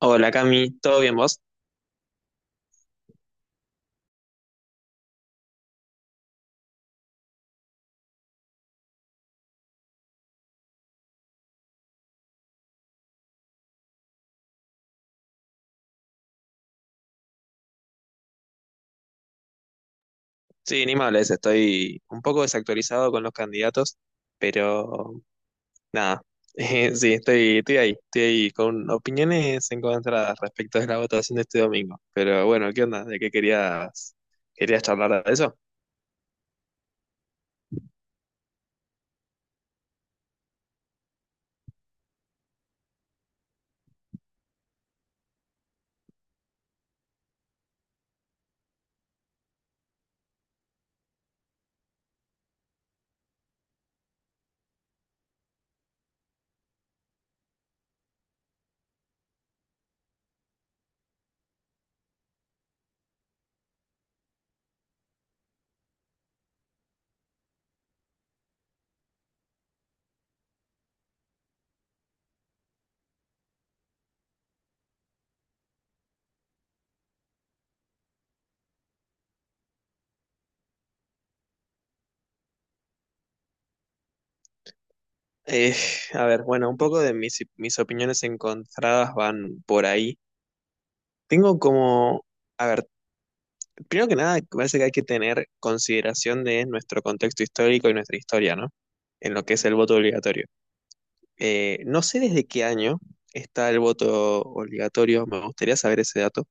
Hola Cami, ¿todo bien vos? Sí, ni me hables, estoy un poco desactualizado con los candidatos, pero nada, sí, estoy ahí con opiniones encontradas respecto de la votación de este domingo, pero bueno, ¿qué onda? ¿De qué querías charlar de eso? Eh, a ver, bueno, un poco de mis opiniones encontradas van por ahí. Tengo como, a ver, primero que nada, parece que hay que tener consideración de nuestro contexto histórico y nuestra historia, ¿no? En lo que es el voto obligatorio. No sé desde qué año está el voto obligatorio, me gustaría saber ese dato,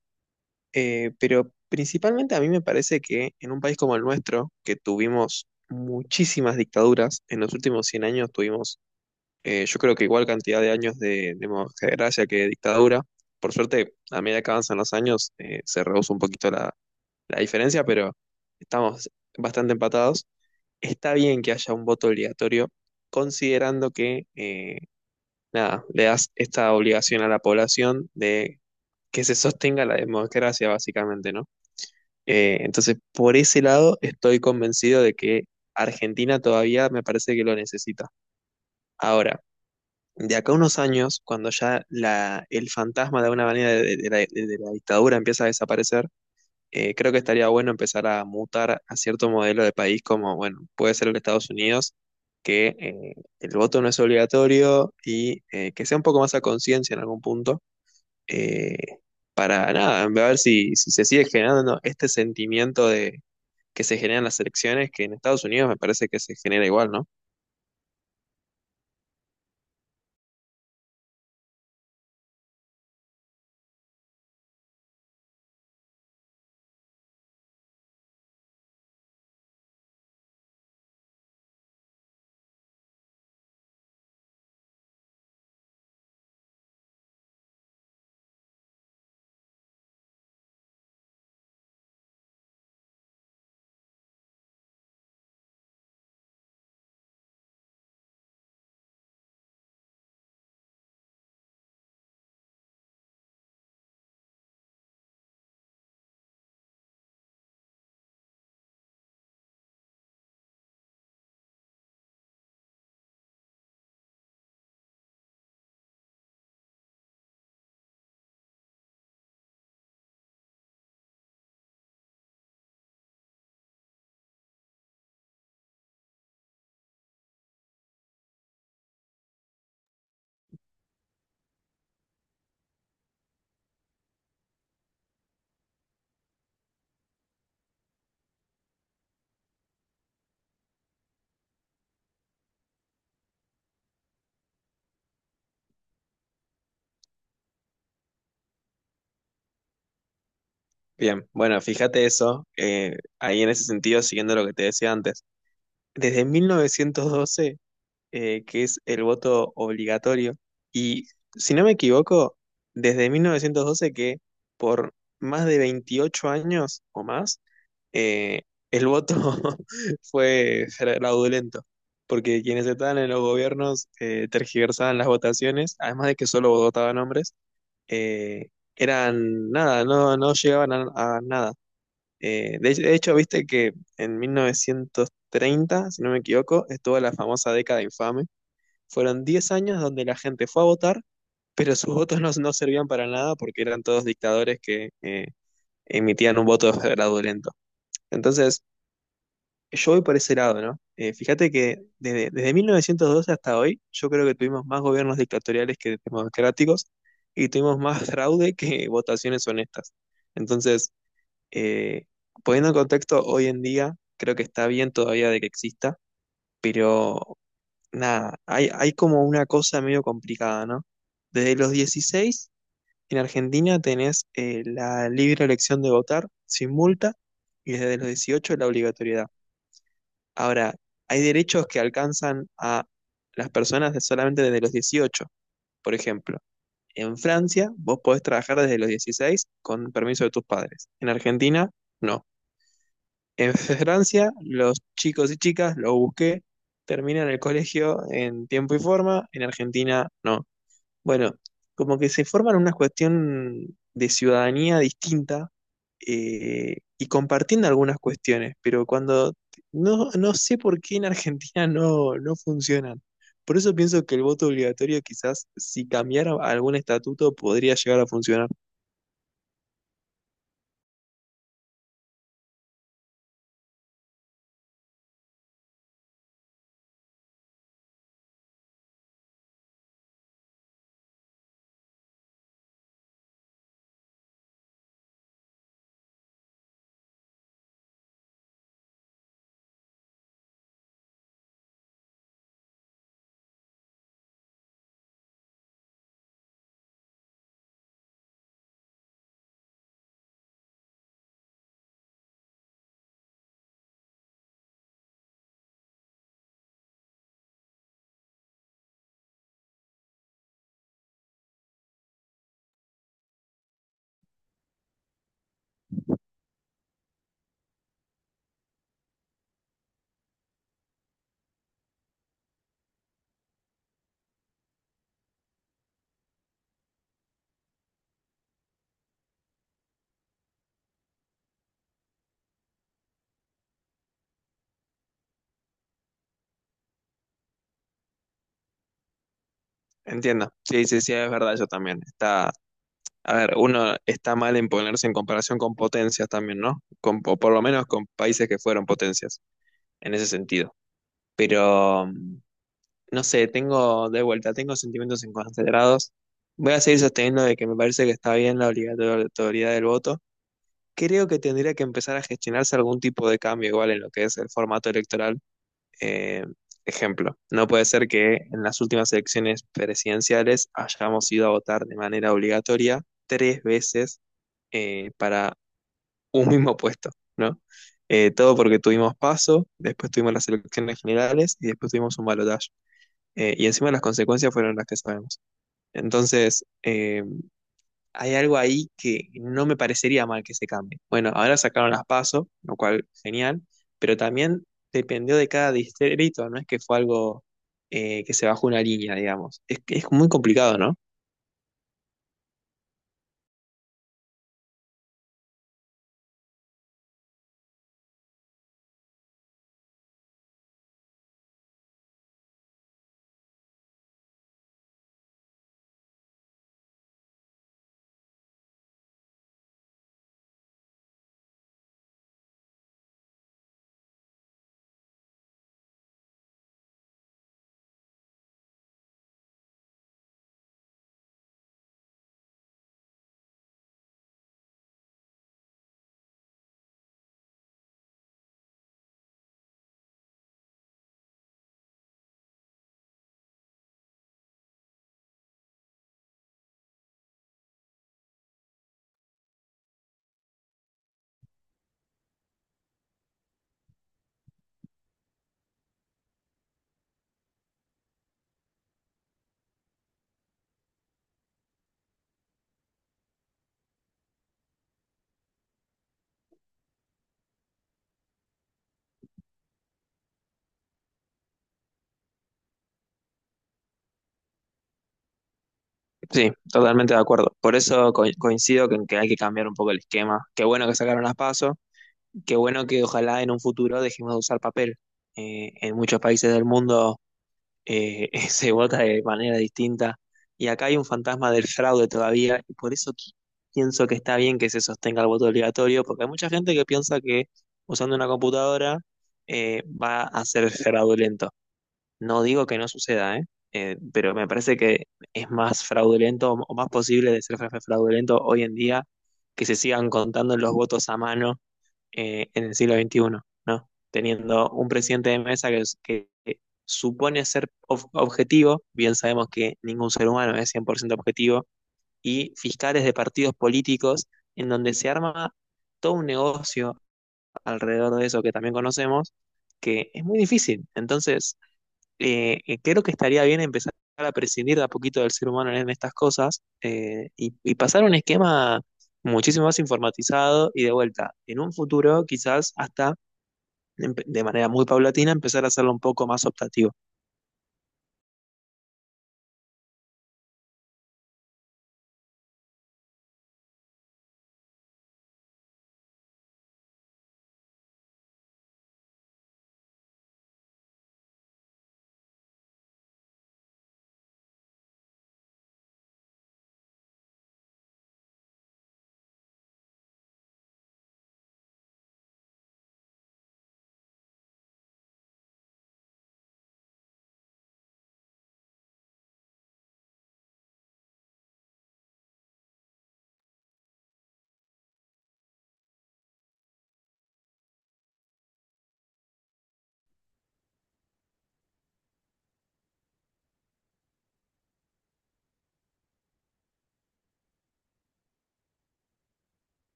pero principalmente a mí me parece que en un país como el nuestro, que tuvimos muchísimas dictaduras, en los últimos 100 años tuvimos, yo creo que igual cantidad de años de democracia que de dictadura, por suerte, a medida que avanzan los años, se reduce un poquito la diferencia, pero estamos bastante empatados. Está bien que haya un voto obligatorio, considerando que, nada, le das esta obligación a la población de que se sostenga la democracia, básicamente, ¿no? Entonces, por ese lado, estoy convencido de que Argentina todavía me parece que lo necesita. Ahora, de acá a unos años, cuando ya el fantasma de alguna manera de la dictadura empieza a desaparecer, creo que estaría bueno empezar a mutar a cierto modelo de país como, bueno, puede ser el de Estados Unidos, que el voto no es obligatorio y que sea un poco más a conciencia en algún punto, eh, para nada, a ver si se sigue generando este sentimiento de que se generan las elecciones, que en Estados Unidos me parece que se genera igual, ¿no? Bien, bueno, fíjate eso, ahí en ese sentido, siguiendo lo que te decía antes, desde 1912 que es el voto obligatorio. Y si no me equivoco, desde 1912 que por más de 28 años o más, eh, el voto fue fraudulento, porque quienes estaban en los gobiernos tergiversaban las votaciones, además de que solo votaban hombres, eh, eran nada, no llegaban a nada. De hecho, viste que en 1930 si no me equivoco, estuvo la famosa década infame fueron 10 años donde la gente fue a votar, pero sus votos no servían para nada porque eran todos dictadores que emitían un voto fraudulento. Entonces, yo voy por ese lado, ¿no? Fíjate que desde 1912 hasta hoy, yo creo que tuvimos más gobiernos dictatoriales que democráticos y tuvimos más fraude que votaciones honestas. Entonces, eh, poniendo en contexto, hoy en día creo que está bien todavía de que exista, pero nada, hay como una cosa medio complicada, ¿no? Desde los 16 en Argentina tenés la libre elección de votar sin multa y desde los 18 la obligatoriedad. Ahora, hay derechos que alcanzan a las personas solamente desde los 18. Por ejemplo, en Francia vos podés trabajar desde los 16 con permiso de tus padres. En Argentina, no. En Francia, los chicos y chicas, lo busqué, terminan el colegio en tiempo y forma, en Argentina no. Bueno, como que se forman una cuestión de ciudadanía distinta y compartiendo algunas cuestiones, pero cuando no sé por qué en Argentina no funcionan. Por eso pienso que el voto obligatorio quizás si cambiara algún estatuto podría llegar a funcionar. Entiendo. Sí, sí, sí, es verdad, yo también. A ver, uno está mal en ponerse en comparación con potencias también, ¿no? Con, o por lo menos con países que fueron potencias, en ese sentido. Pero, no sé, tengo de vuelta, tengo sentimientos encontrados. Voy a seguir sosteniendo de que me parece que está bien la obligatoriedad del voto. Creo que tendría que empezar a gestionarse algún tipo de cambio igual en lo que es el formato electoral, eh, ejemplo, no puede ser que en las últimas elecciones presidenciales hayamos ido a votar de manera obligatoria tres veces para un mismo puesto, ¿no? Todo porque tuvimos paso, después tuvimos las elecciones generales y después tuvimos un balotaje. Y encima las consecuencias fueron las que sabemos. Entonces, hay algo ahí que no me parecería mal que se cambie. Bueno, ahora sacaron las PASO, lo cual genial, pero también dependió de cada distrito, no es que fue algo que se bajó una línea, digamos. Es, que es muy complicado, ¿no? Sí, totalmente de acuerdo. Por eso coincido con que hay que cambiar un poco el esquema. Qué bueno que sacaron las PASO, qué bueno que ojalá en un futuro dejemos de usar papel. En muchos países del mundo se vota de manera distinta. Y acá hay un fantasma del fraude todavía, y por eso pienso que está bien que se sostenga el voto obligatorio, porque hay mucha gente que piensa que usando una computadora va a ser fraudulento. No digo que no suceda, ¿eh? Pero me parece que es más fraudulento o más posible de ser fraudulento hoy en día que se sigan contando los votos a mano en el siglo XXI, ¿no? Teniendo un presidente de mesa que supone ser objetivo, bien sabemos que ningún ser humano es 100% objetivo, y fiscales de partidos políticos en donde se arma todo un negocio alrededor de eso que también conocemos, que es muy difícil. Entonces, creo que estaría bien empezar a prescindir de a poquito del ser humano en estas cosas y pasar a un esquema muchísimo más informatizado y de vuelta, en un futuro quizás hasta de manera muy paulatina empezar a hacerlo un poco más optativo.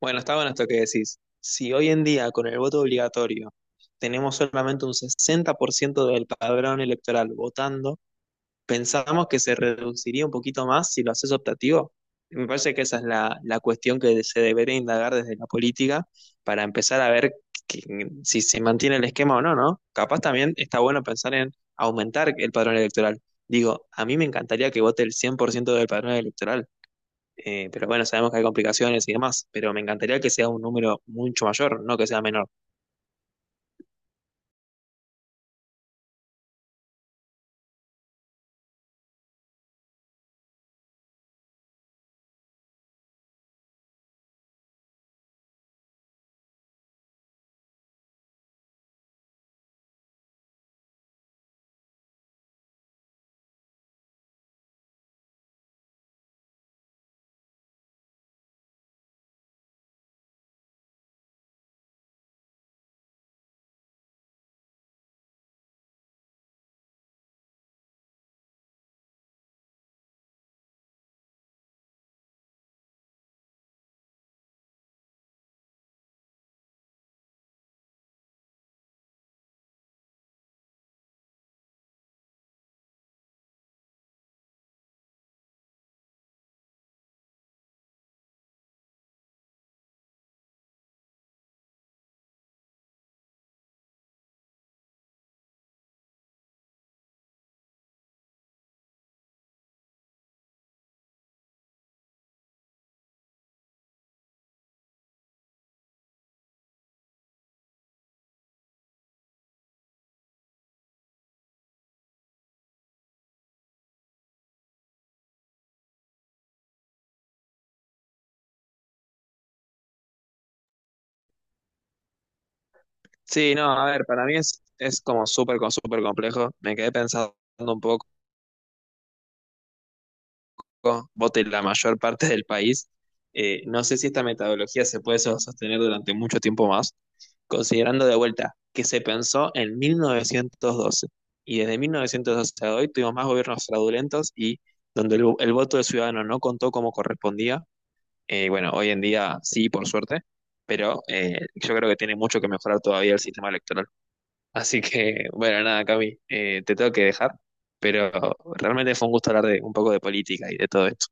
Bueno, está bueno esto que decís. Si hoy en día con el voto obligatorio tenemos solamente un 60% del padrón electoral votando, pensamos que se reduciría un poquito más si lo haces optativo. Me parece que esa es la cuestión que se debería indagar desde la política para empezar a ver que- si se mantiene el esquema o no, ¿no? Capaz también está bueno pensar en aumentar el padrón electoral. Digo, a mí me encantaría que vote el 100% del padrón electoral, pero bueno, sabemos que hay complicaciones y demás, pero me encantaría que sea un número mucho mayor, no que sea menor. Sí, no, a ver, para mí es como súper, súper complejo. Me quedé pensando un poco. Vote la mayor parte del país. No sé si esta metodología se puede sostener durante mucho tiempo más, considerando de vuelta que se pensó en 1912 y desde 1912 a hoy tuvimos más gobiernos fraudulentos y donde el voto del ciudadano no contó como correspondía. Bueno, hoy en día sí, por suerte, pero yo creo que tiene mucho que mejorar todavía el sistema electoral. Así que, bueno, nada, Cami, te tengo que dejar, pero realmente fue un gusto hablar de un poco de política y de todo esto.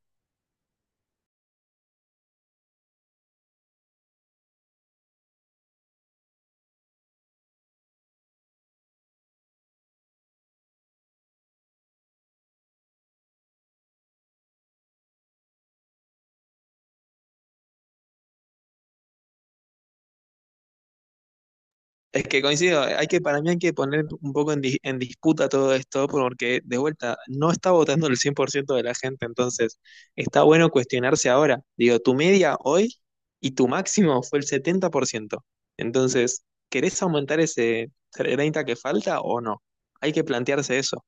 Es que coincido, hay que, para mí hay que poner un poco en disputa todo esto, porque de vuelta, no está votando el 100% de la gente, entonces está bueno cuestionarse ahora. Digo, tu media hoy y tu máximo fue el 70%. Entonces, ¿querés aumentar ese 30 que falta o no? Hay que plantearse eso,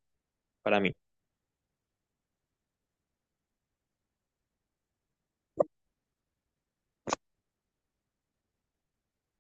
para mí.